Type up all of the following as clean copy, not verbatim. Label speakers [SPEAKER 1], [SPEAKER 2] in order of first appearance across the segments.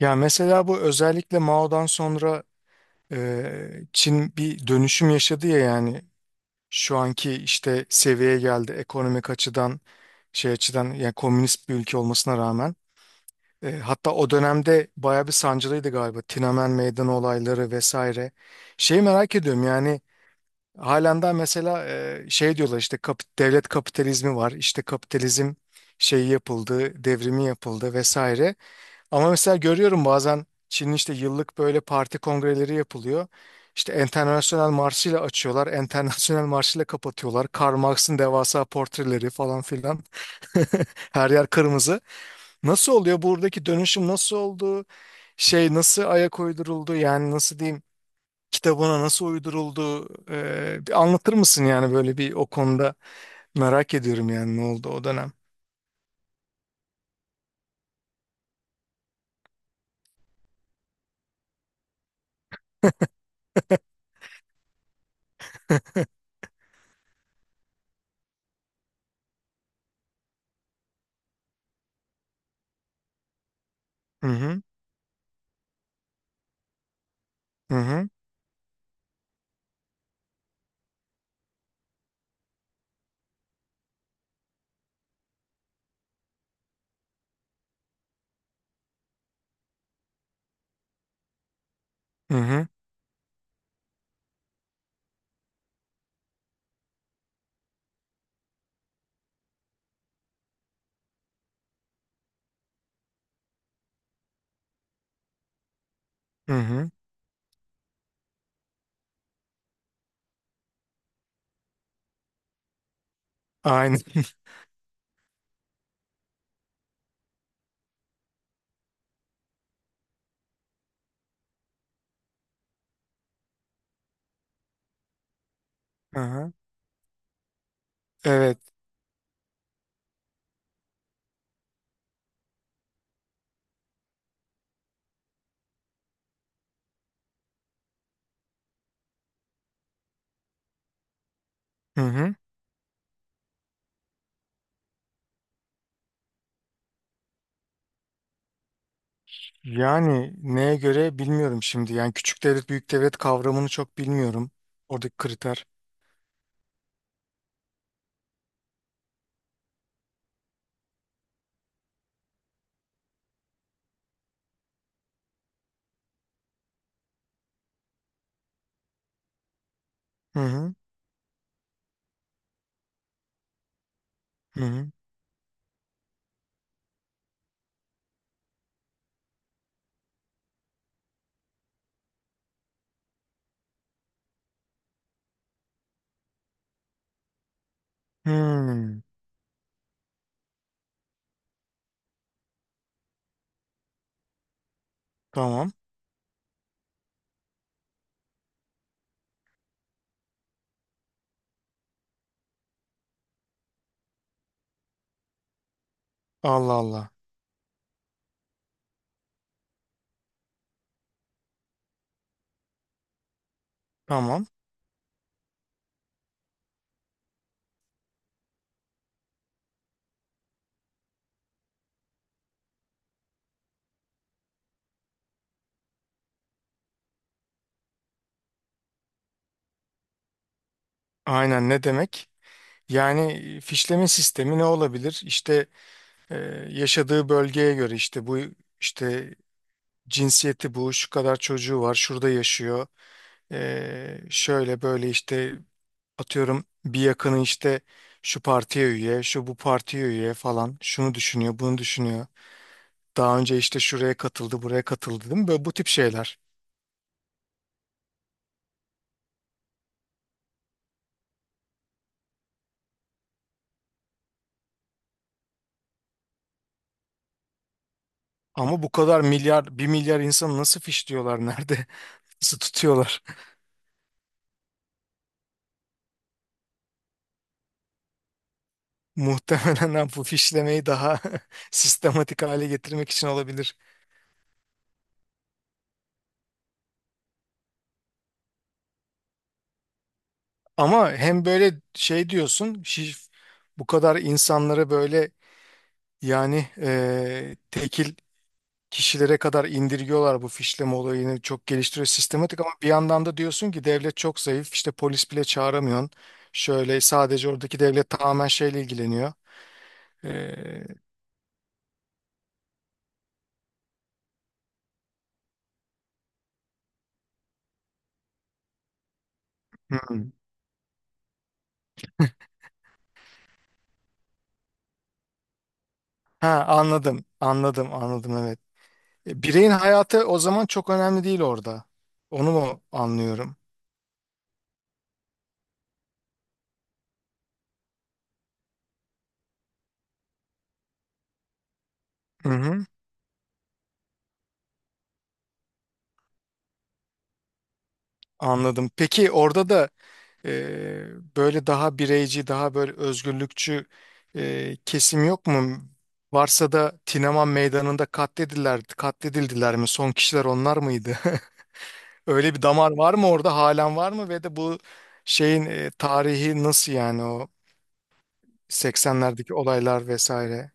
[SPEAKER 1] Ya mesela bu özellikle Mao'dan sonra Çin bir dönüşüm yaşadı ya yani şu anki işte seviyeye geldi ekonomik açıdan şey açıdan yani komünist bir ülke olmasına rağmen. Hatta o dönemde bayağı bir sancılıydı galiba Tiananmen Meydanı olayları vesaire. Şeyi merak ediyorum yani halen daha mesela şey diyorlar işte devlet kapitalizmi var işte kapitalizm şeyi yapıldı devrimi yapıldı vesaire. Ama mesela görüyorum bazen Çin'in işte yıllık böyle parti kongreleri yapılıyor. İşte Enternasyonel Marşı'yla açıyorlar, Enternasyonel Marşı'yla kapatıyorlar. Karl Marx'ın devasa portreleri falan filan. Her yer kırmızı. Nasıl oluyor buradaki dönüşüm nasıl oldu? Şey nasıl ayak uyduruldu? Yani nasıl diyeyim? Kitabına nasıl uyduruldu? Bir anlatır mısın yani böyle bir o konuda merak ediyorum yani ne oldu o dönem? Hı hı. Hı hı. Hı hı. Hı hı. Aynen. Aha. Evet. Hı hı. Yani neye göre bilmiyorum şimdi. Yani küçük devlet büyük devlet kavramını çok bilmiyorum. Oradaki kriter. Hı hı. Hı hı. Hmm. Tamam. Allah Allah. Tamam. Aynen ne demek? Yani fişleme sistemi ne olabilir? İşte e, yaşadığı bölgeye göre işte bu işte cinsiyeti bu şu kadar çocuğu var şurada yaşıyor. Şöyle böyle işte atıyorum bir yakını işte şu partiye üye, şu bu partiye üye falan. Şunu düşünüyor, bunu düşünüyor. Daha önce işte şuraya katıldı, buraya katıldı değil mi? Böyle bu tip şeyler. Ama bu kadar milyar, 1 milyar insanı nasıl fişliyorlar nerede? Nasıl tutuyorlar? Muhtemelen bu fişlemeyi daha sistematik hale getirmek için olabilir. Ama hem böyle şey diyorsun, bu kadar insanları böyle yani tekil kişilere kadar indirgiyorlar bu fişleme olayını çok geliştiriyor sistematik ama bir yandan da diyorsun ki devlet çok zayıf işte polis bile çağıramıyorsun. Şöyle sadece oradaki devlet tamamen şeyle ilgileniyor. Ee, hmm. Ha anladım anladım anladım evet. Bireyin hayatı o zaman çok önemli değil orada. Onu mu anlıyorum? Hı hı, anladım. Peki orada da Ee, böyle daha bireyci, daha böyle özgürlükçü kesim yok mu? Varsa da Tineman Meydanı'nda katledildiler, katledildiler mi? Son kişiler onlar mıydı? Öyle bir damar var mı orada? Halen var mı? Ve de bu şeyin tarihi nasıl yani o 80'lerdeki olaylar vesaire?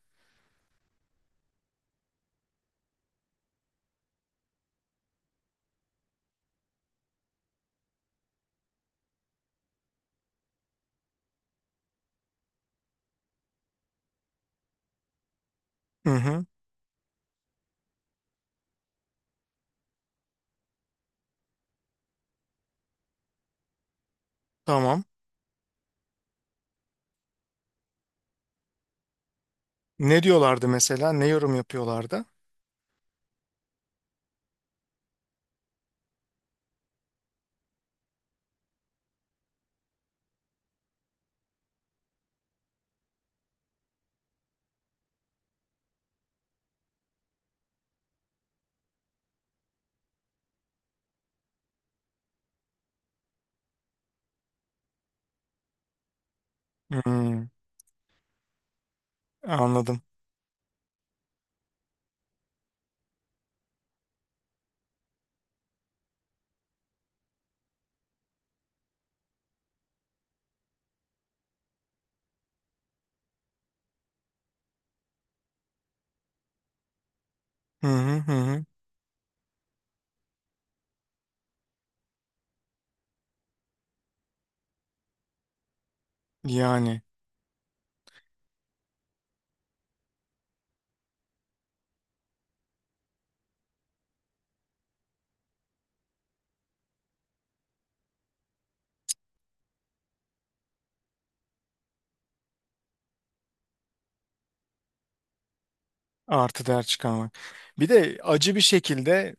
[SPEAKER 1] Hı hı, tamam. Ne diyorlardı mesela? Ne yorum yapıyorlardı? Hmm, anladım. Hı hı hı. Hı. Yani artı değer çıkarmak. Bir de acı bir şekilde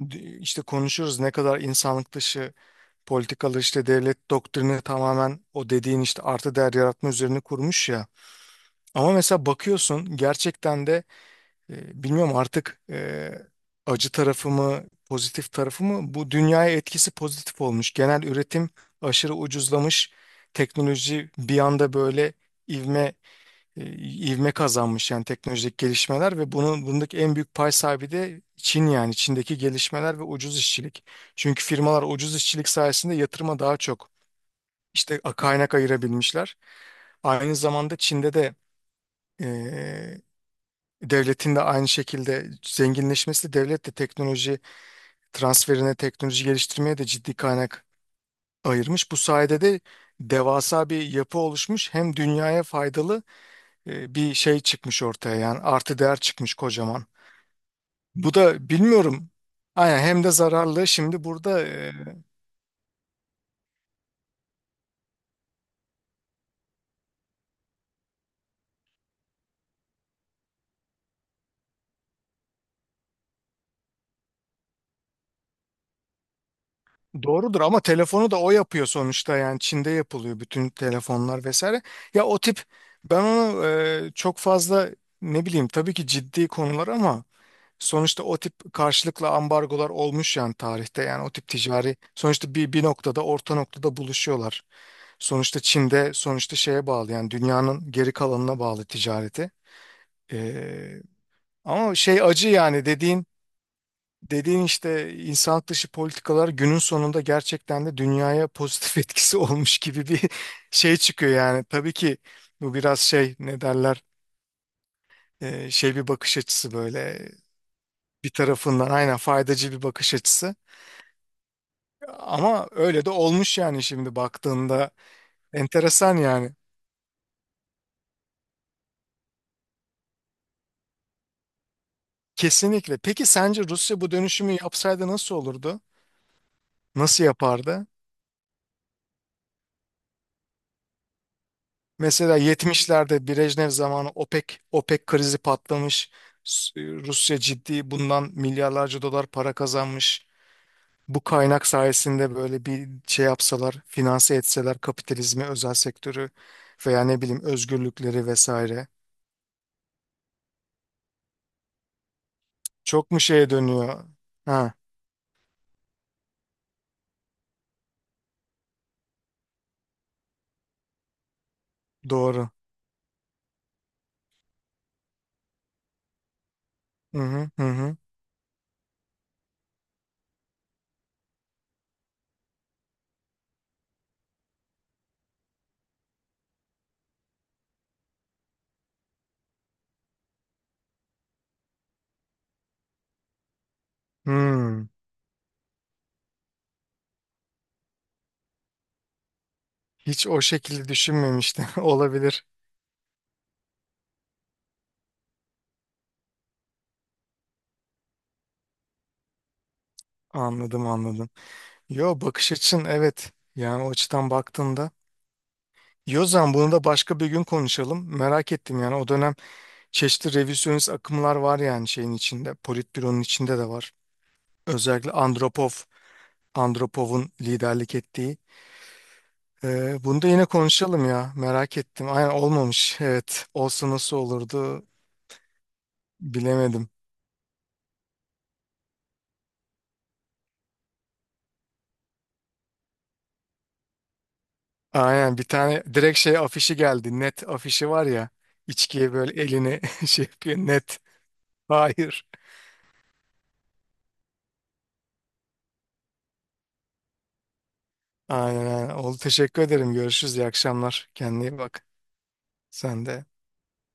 [SPEAKER 1] işte konuşuyoruz ne kadar insanlık dışı politikalar işte devlet doktrini tamamen o dediğin işte artı değer yaratma üzerine kurmuş ya. Ama mesela bakıyorsun gerçekten de bilmiyorum artık acı tarafı mı pozitif tarafı mı bu dünyaya etkisi pozitif olmuş. Genel üretim aşırı ucuzlamış. Teknoloji bir anda böyle ivme e, ivme kazanmış yani teknolojik gelişmeler ve bunun bundaki en büyük pay sahibi de Çin yani Çin'deki gelişmeler ve ucuz işçilik. Çünkü firmalar ucuz işçilik sayesinde yatırıma daha çok işte kaynak ayırabilmişler. Aynı zamanda Çin'de de e, devletin de aynı şekilde zenginleşmesi devlet de teknoloji transferine, teknoloji geliştirmeye de ciddi kaynak ayırmış. Bu sayede de devasa bir yapı oluşmuş. Hem dünyaya faydalı bir şey çıkmış ortaya yani artı değer çıkmış kocaman. Bu da bilmiyorum. Aynen hem de zararlı. Şimdi burada doğrudur ama telefonu da o yapıyor sonuçta yani Çin'de yapılıyor bütün telefonlar vesaire. Ya o tip ben onu çok fazla ne bileyim tabii ki ciddi konular ama sonuçta o tip karşılıklı ambargolar olmuş yani tarihte yani o tip ticari sonuçta bir noktada orta noktada buluşuyorlar. Sonuçta Çin'de sonuçta şeye bağlı yani dünyanın geri kalanına bağlı ticareti. Ee, ama şey acı yani dediğin dediğin işte insanlık dışı politikalar günün sonunda gerçekten de dünyaya pozitif etkisi olmuş gibi bir şey çıkıyor yani. Tabii ki bu biraz şey ne derler şey bir bakış açısı böyle bir tarafından aynen faydacı bir bakış açısı. Ama öyle de olmuş yani şimdi baktığında enteresan yani. Kesinlikle. Peki sence Rusya bu dönüşümü yapsaydı nasıl olurdu? Nasıl yapardı? Mesela 70'lerde Brejnev zamanı OPEC krizi patlamış. Rusya ciddi bundan milyarlarca dolar para kazanmış. Bu kaynak sayesinde böyle bir şey yapsalar, finanse etseler kapitalizmi, özel sektörü veya ne bileyim özgürlükleri vesaire. Çok mu şeye dönüyor? Ha, doğru. Hı hı hı. Hı. Hmm. Hiç o şekilde düşünmemiştim. Olabilir. Anladım anladım. Yo bakış açın evet. Yani o açıdan baktığında Yozan bunu da başka bir gün konuşalım. Merak ettim yani o dönem çeşitli revizyonist akımlar var yani şeyin içinde. Politbüronun içinde de var. Özellikle Andropov'un liderlik ettiği. Bunu da yine konuşalım ya. Merak ettim. Aynen olmamış. Evet. Olsa nasıl olurdu bilemedim. Aynen bir tane direkt şey afişi geldi. Net afişi var ya. İçkiye böyle elini şey yapıyor. Net. Hayır. Aynen aynen. Oldu teşekkür ederim. Görüşürüz. İyi akşamlar. Kendine iyi bak. Sen de.